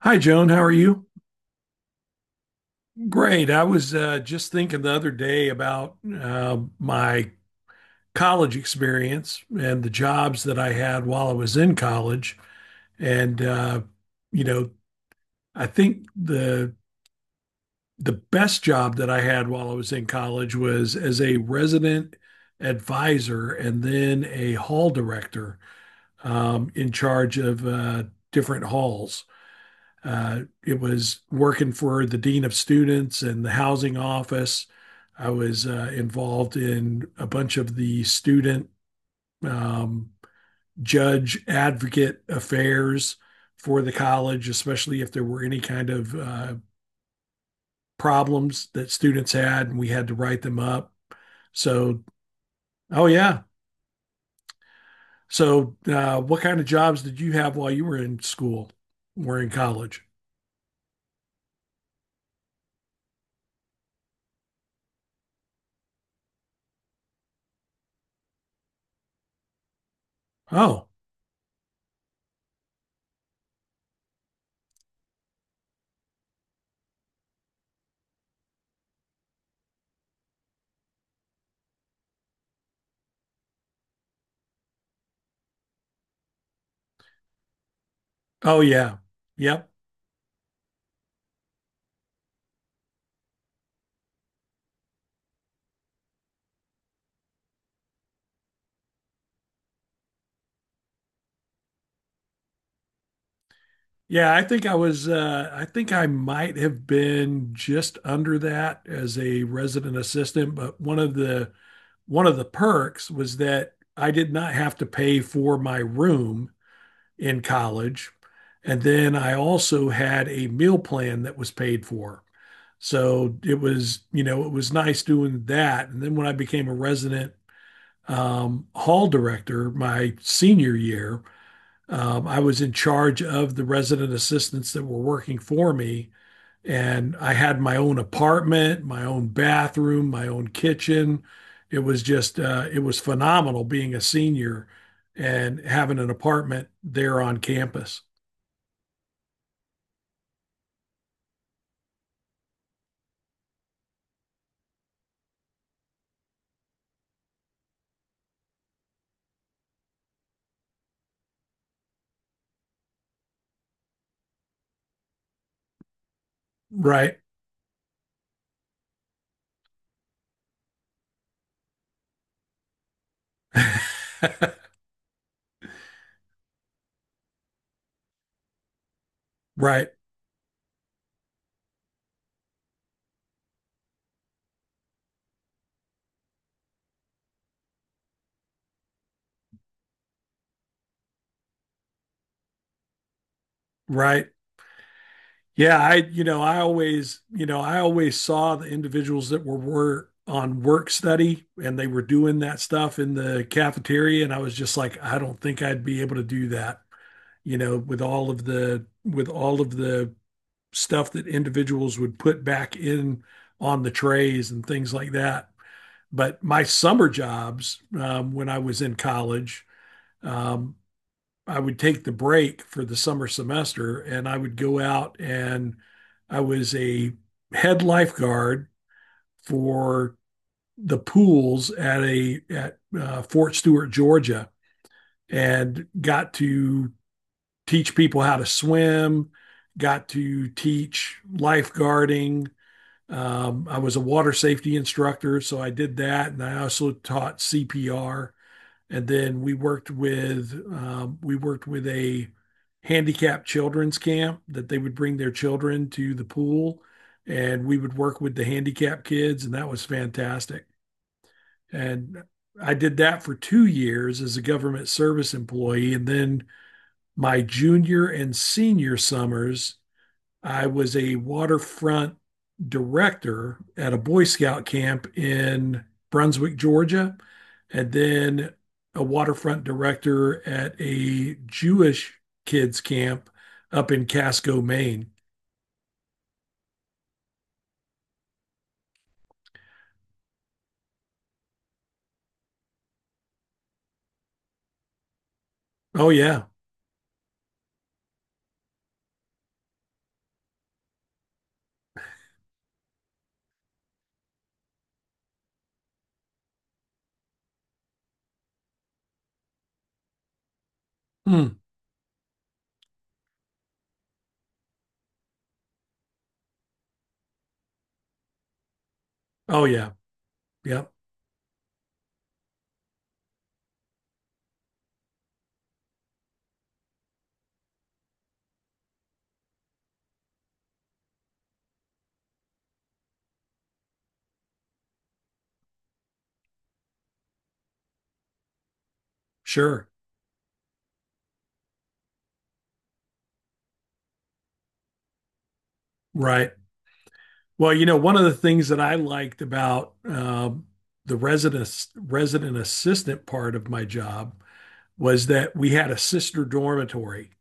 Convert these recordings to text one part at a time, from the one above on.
Hi, Joan. How are you? Great. I was just thinking the other day about my college experience and the jobs that I had while I was in college. And uh, you know, I think the best job that I had while I was in college was as a resident advisor and then a hall director in charge of different halls. It was working for the dean of students and the housing office. I was involved in a bunch of the student um, judge advocate affairs for the college, especially if there were any kind of problems that students had and we had to write them up. So, oh, yeah. So, what kind of jobs did you have while you were in school or in college? Oh, oh, yeah. Yep. Yeah, I think I was, I think I might have been just under that as a resident assistant, but one of the perks was that I did not have to pay for my room in college. And then I also had a meal plan that was paid for. So it was, you know, it was nice doing that. And then when I became a resident hall director my senior year, I was in charge of the resident assistants that were working for me, and I had my own apartment, my own bathroom, my own kitchen. It was just, it was phenomenal being a senior and having an apartment there on campus. Right. Right. Right. Yeah, I, you know, I always, you know, I always saw the individuals that were on work study and they were doing that stuff in the cafeteria. And I was just like, I don't think I'd be able to do that, you know, with all of the stuff that individuals would put back in on the trays and things like that. But my summer jobs, when I was in college, um, I would take the break for the summer semester and I would go out and I was a head lifeguard for the pools at a at Fort Stewart, Georgia, and got to teach people how to swim, got to teach lifeguarding. I was a water safety instructor, so I did that, and I also taught CPR and then we worked with a handicapped children's camp that they would bring their children to the pool and we would work with the handicapped kids and that was fantastic and I did that for 2 years as a government service employee and then my junior and senior summers I was a waterfront director at a Boy Scout camp in Brunswick, Georgia, and then a waterfront director at a Jewish kids camp up in Casco, Maine. Oh yeah. Hmm. Oh yeah. Yep. Sure. Right. Well, you know, one of the things that I liked about the resident assistant part of my job was that we had a sister dormitory.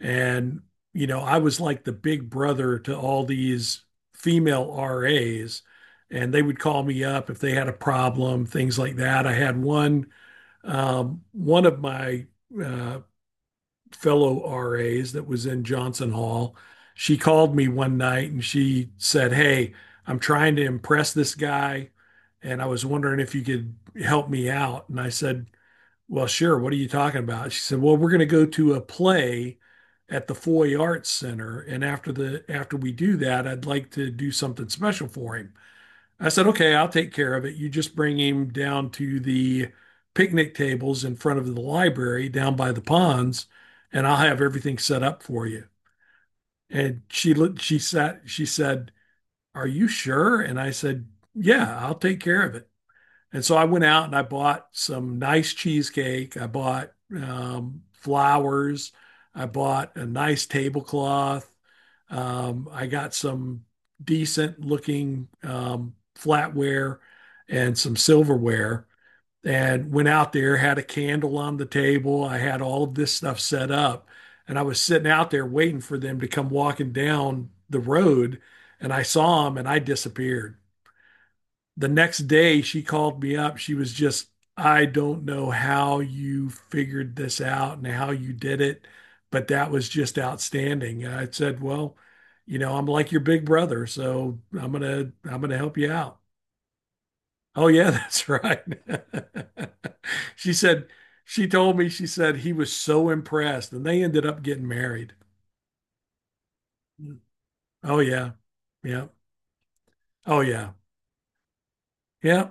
And, you know, I was like the big brother to all these female RAs, and they would call me up if they had a problem, things like that. I had one, one of my uh, fellow RAs that was in Johnson Hall. She called me one night and she said, "Hey, I'm trying to impress this guy. And I was wondering if you could help me out." And I said, "Well, sure. What are you talking about?" She said, "Well, we're going to go to a play at the Foy Arts Center, and after the after we do that, I'd like to do something special for him." I said, "Okay, I'll take care of it. You just bring him down to the picnic tables in front of the library down by the ponds, and I'll have everything set up for you." And she looked, she sat, she said, "Are you sure?" And I said, "Yeah, I'll take care of it." And so I went out and I bought some nice cheesecake. I bought flowers. I bought a nice tablecloth. I got some decent looking flatware and some silverware and went out there, had a candle on the table. I had all of this stuff set up. And I was sitting out there waiting for them to come walking down the road. And I saw them and I disappeared. The next day she called me up. She was just, "I don't know how you figured this out and how you did it, but that was just outstanding." And I said, "Well, you know, I'm like your big brother, so I'm gonna help you out." Oh yeah, that's right. She said, she told me, she said he was so impressed and they ended up getting married. Oh yeah. Yeah. Oh yeah. Yeah.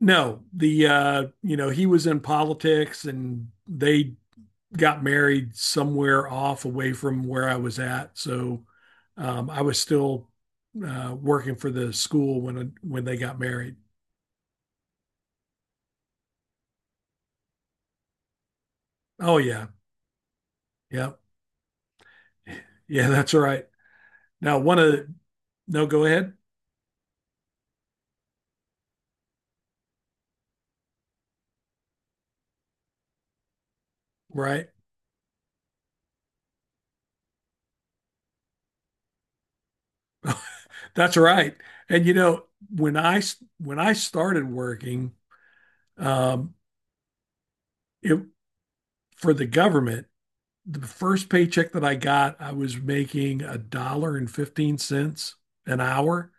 No, the you know, he was in politics and they got married somewhere off away from where I was at. So I was still working for the school when they got married. Oh yeah. Yeah. Yeah, that's right. Now one of the, no, go ahead. Right. That's right. And you know, when I when I started working um it for the government, the first paycheck that I got, I was making a dollar and 15 cents an hour.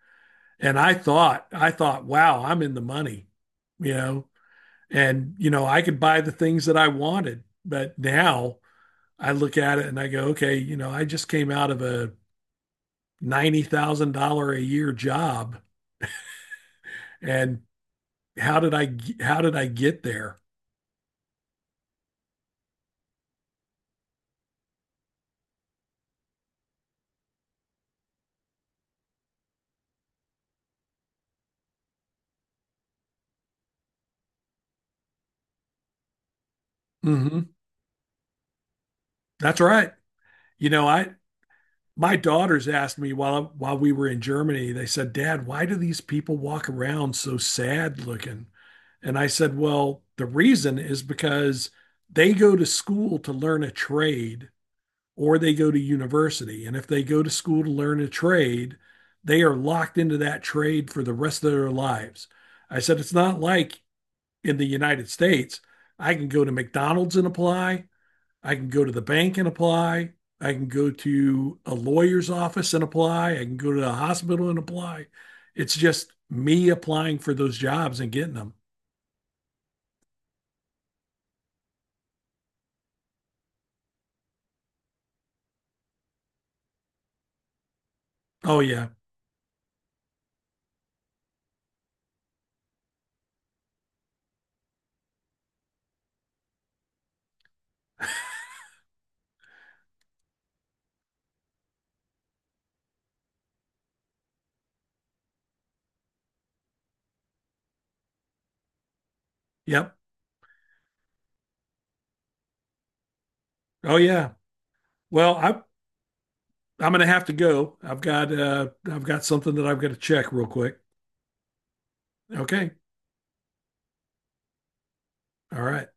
And I thought, wow, I'm in the money, you know, and, you know, I could buy the things that I wanted. But now I look at it and I go, okay, you know, I just came out of a $90,000 a year job. And how did I, how did I get there? Hmm. That's right. You know, I, my daughters asked me while we were in Germany, they said, "Dad, why do these people walk around so sad looking?" And I said, "Well, the reason is because they go to school to learn a trade or they go to university. And if they go to school to learn a trade, they are locked into that trade for the rest of their lives." I said, "It's not like in the United States, I can go to McDonald's and apply, I can go to the bank and apply. I can go to a lawyer's office and apply. I can go to the hospital and apply. It's just me applying for those jobs and getting them." Oh yeah. Yep. Oh yeah. Well, I I'm going to have to go. I've got something that I've got to check real quick. Okay. All right.